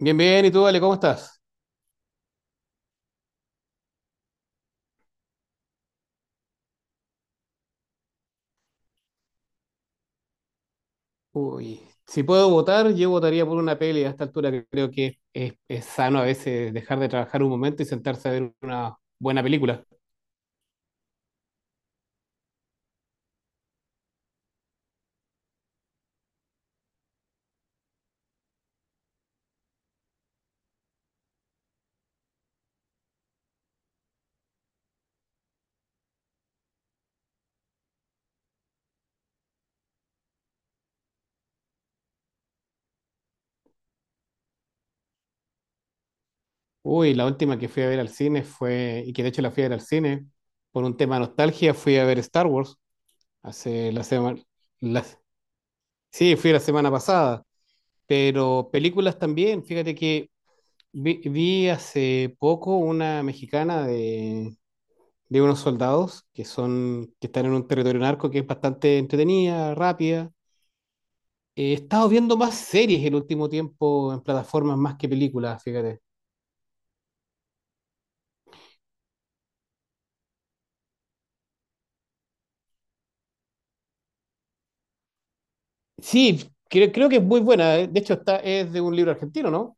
Bien, bien, ¿y tú, Ale, cómo estás? Uy, si puedo votar, yo votaría por una peli a esta altura que creo que es sano a veces dejar de trabajar un momento y sentarse a ver una buena película. Uy, la última que fui a ver al cine fue, y que de hecho la fui a ver al cine, por un tema de nostalgia, fui a ver Star Wars hace la semana, sí, fui la semana pasada, pero películas también, fíjate que vi hace poco una mexicana de unos soldados que son, que están en un territorio narco que es bastante entretenida, rápida. He estado viendo más series el último tiempo en plataformas más que películas, fíjate. Sí, creo que es muy buena. De hecho, es de un libro argentino, ¿no?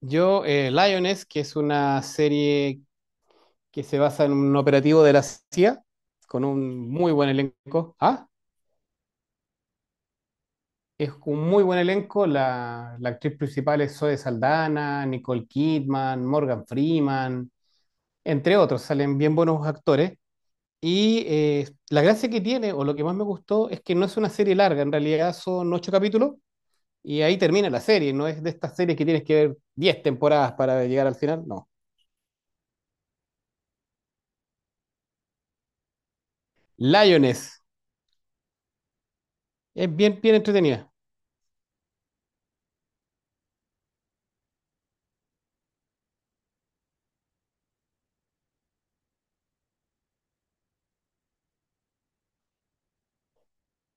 Yo, Lioness, que es una serie que se basa en un operativo de la CIA, con un muy buen elenco. Ah, es un muy buen elenco. La actriz principal es Zoe Saldana, Nicole Kidman, Morgan Freeman. Entre otros, salen bien buenos actores. Y la gracia que tiene, o lo que más me gustó, es que no es una serie larga, en realidad son ocho capítulos y ahí termina la serie, no es de estas series que tienes que ver 10 temporadas para llegar al final, no. Lioness, es bien, bien entretenida.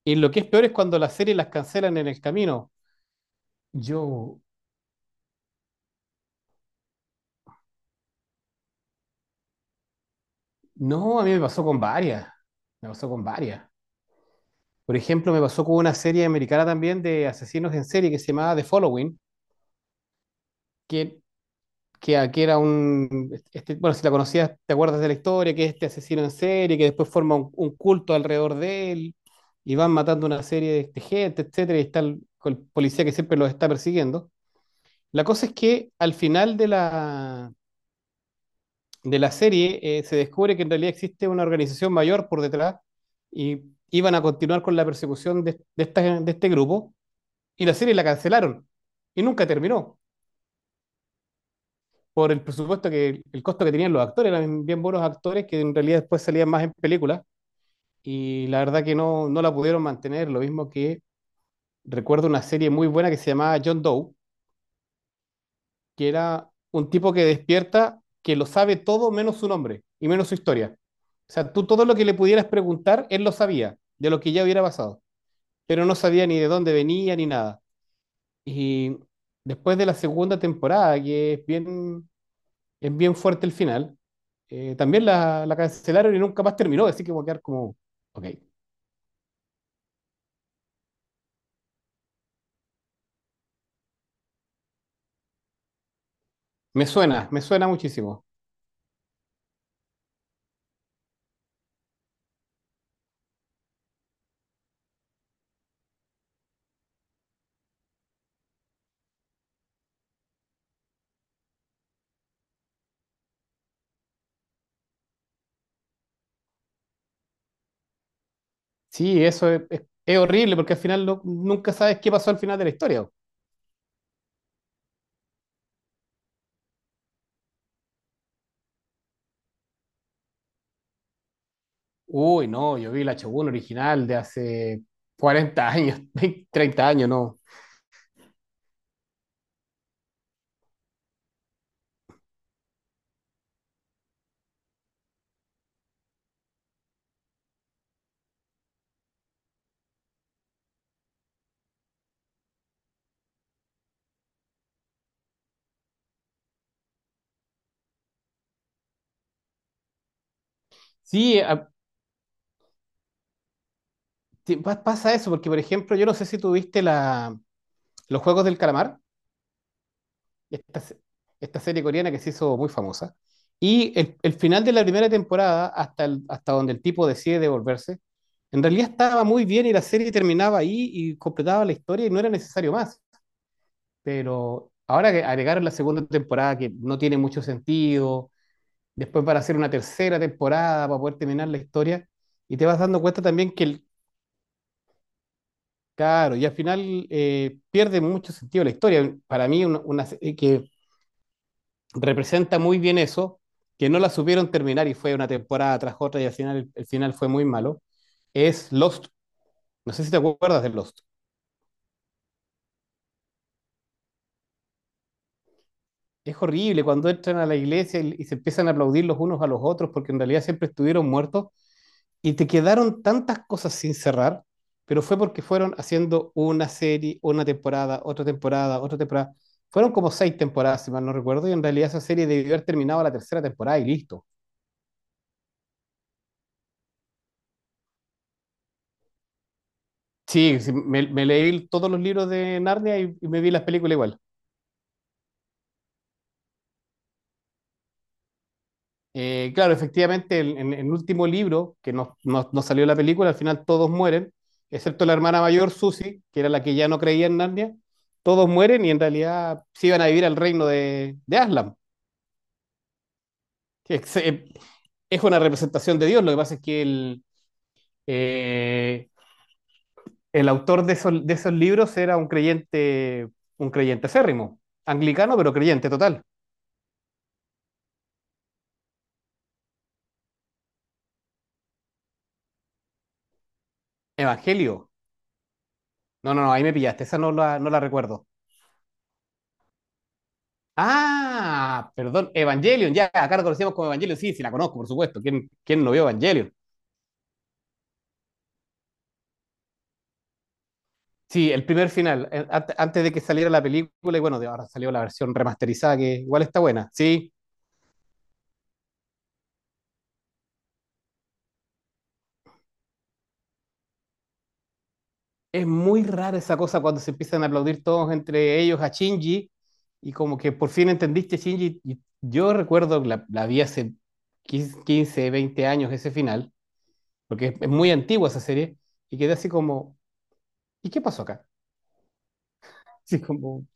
Y lo que es peor es cuando las series las cancelan en el camino. Yo, no, a mí me pasó con varias. Por ejemplo, me pasó con una serie americana también de asesinos en serie que se llamaba The Following, que que aquí era bueno, si la conocías, te acuerdas de la historia, que es este asesino en serie, que después forma un culto alrededor de él, y van matando una serie de gente, etcétera, y está con el policía que siempre los está persiguiendo. La cosa es que al final de la serie, se descubre que en realidad existe una organización mayor por detrás, y iban a continuar con la persecución de este grupo, y la serie la cancelaron y nunca terminó. Por el presupuesto que el costo que tenían los actores, eran bien buenos actores que en realidad después salían más en películas y la verdad que no la pudieron mantener, lo mismo que recuerdo una serie muy buena que se llamaba John Doe, que era un tipo que despierta que lo sabe todo menos su nombre y menos su historia. O sea, tú todo lo que le pudieras preguntar, él lo sabía, de lo que ya hubiera pasado, pero no sabía ni de dónde venía ni nada. Y después de la segunda temporada, que es bien Es bien fuerte el final. También la cancelaron y nunca más terminó, así que voy a quedar como, ok. Me suena muchísimo. Sí, eso es horrible porque al final nunca sabes qué pasó al final de la historia. Uy, no, yo vi la Shogun original de hace 40 años, 20, 30 años, no. Sí, pasa eso porque, por ejemplo, yo no sé si tuviste los Juegos del Calamar. esta, se- Esta serie coreana que se hizo muy famosa. Y el final de la primera temporada, hasta donde el tipo decide devolverse, en realidad estaba muy bien y la serie terminaba ahí y completaba la historia y no era necesario más. Pero ahora que agregaron la segunda temporada, que no tiene mucho sentido, después para hacer una tercera temporada, para poder terminar la historia, y te vas dando cuenta también que el. Claro, y al final pierde mucho sentido la historia. Para mí, una serie que representa muy bien eso, que no la supieron terminar y fue una temporada tras otra y al final el final fue muy malo, es Lost. No sé si te acuerdas de Lost. Es horrible cuando entran a la iglesia y se empiezan a aplaudir los unos a los otros porque en realidad siempre estuvieron muertos y te quedaron tantas cosas sin cerrar, pero fue porque fueron haciendo una serie, una temporada, otra temporada, otra temporada. Fueron como seis temporadas, si mal no recuerdo, y en realidad esa serie debió haber terminado la tercera temporada y listo. Sí, sí, me leí todos los libros de Narnia y me vi las películas igual. Claro, efectivamente, el último libro, que no salió la película, al final todos mueren, excepto la hermana mayor, Susie, que era la que ya no creía en Narnia, todos mueren y en realidad se iban a vivir al reino de Aslan, que es una representación de Dios. Lo que pasa es que eh, el autor de esos libros era un creyente acérrimo, anglicano, pero creyente total, evangelio. No, no, no, ahí me pillaste, esa no la recuerdo. Ah, perdón, Evangelion, ya, acá la conocíamos como Evangelion, sí, sí, la conozco, por supuesto. ¿Quién no vio Evangelion? Sí, el primer final, antes de que saliera la película, y bueno, de ahora salió la versión remasterizada, que igual está buena. Sí, es muy rara esa cosa cuando se empiezan a aplaudir todos entre ellos a Shinji, y como que por fin entendiste Shinji. Y yo recuerdo, que la vi hace 15, 20 años ese final, porque es muy antigua esa serie, y quedé así como, ¿y qué pasó acá? Sí, como.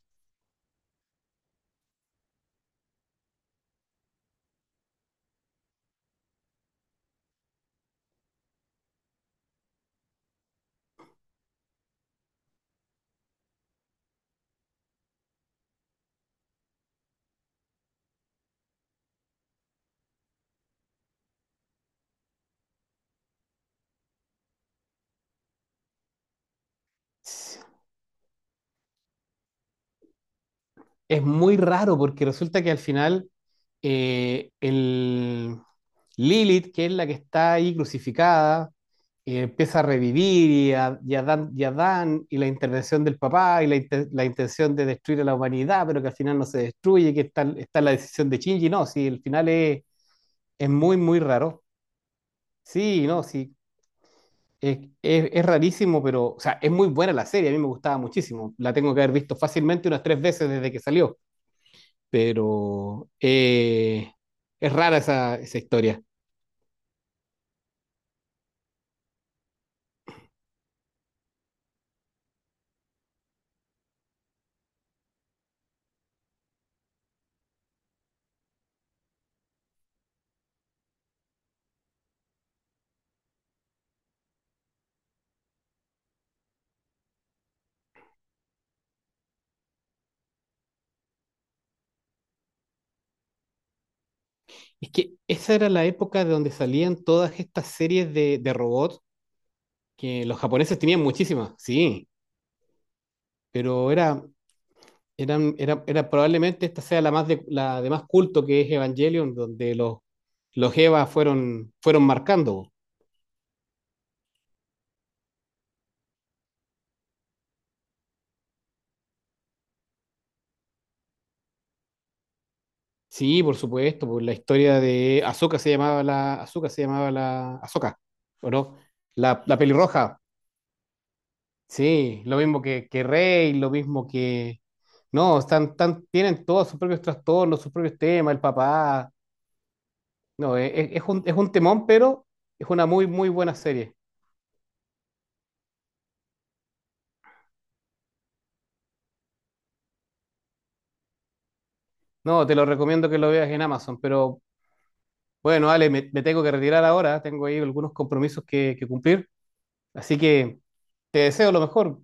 Es muy raro porque resulta que al final el Lilith, que es la que está ahí crucificada, empieza a revivir y a Dan, y la intervención del papá y la intención de destruir a la humanidad, pero que al final no se destruye, que está la decisión de Shinji, no, sí, el final es muy, muy raro. Sí, no, sí, es rarísimo, pero, o sea, es muy buena la serie, a mí me gustaba muchísimo, la tengo que haber visto fácilmente unas tres veces desde que salió. Pero es rara esa historia. Es que esa era la época de donde salían todas estas series de robots que los japoneses tenían muchísimas, sí, pero era probablemente esta sea la de más culto que es Evangelion, donde los Eva fueron marcando. Sí, por supuesto, por la historia de Azuka se llamaba la Azuka se llamaba la Azoka, ¿o no? La pelirroja. Sí, lo mismo que Rey, lo mismo que. No, están, tan tienen todos sus propios trastornos, sus propios temas, el papá. No, es un temón, pero es una muy, muy buena serie. No, te lo recomiendo que lo veas en Amazon, pero bueno, Ale, me tengo que retirar ahora, tengo ahí algunos compromisos que cumplir, así que te deseo lo mejor.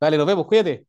Dale, nos vemos, cuídate.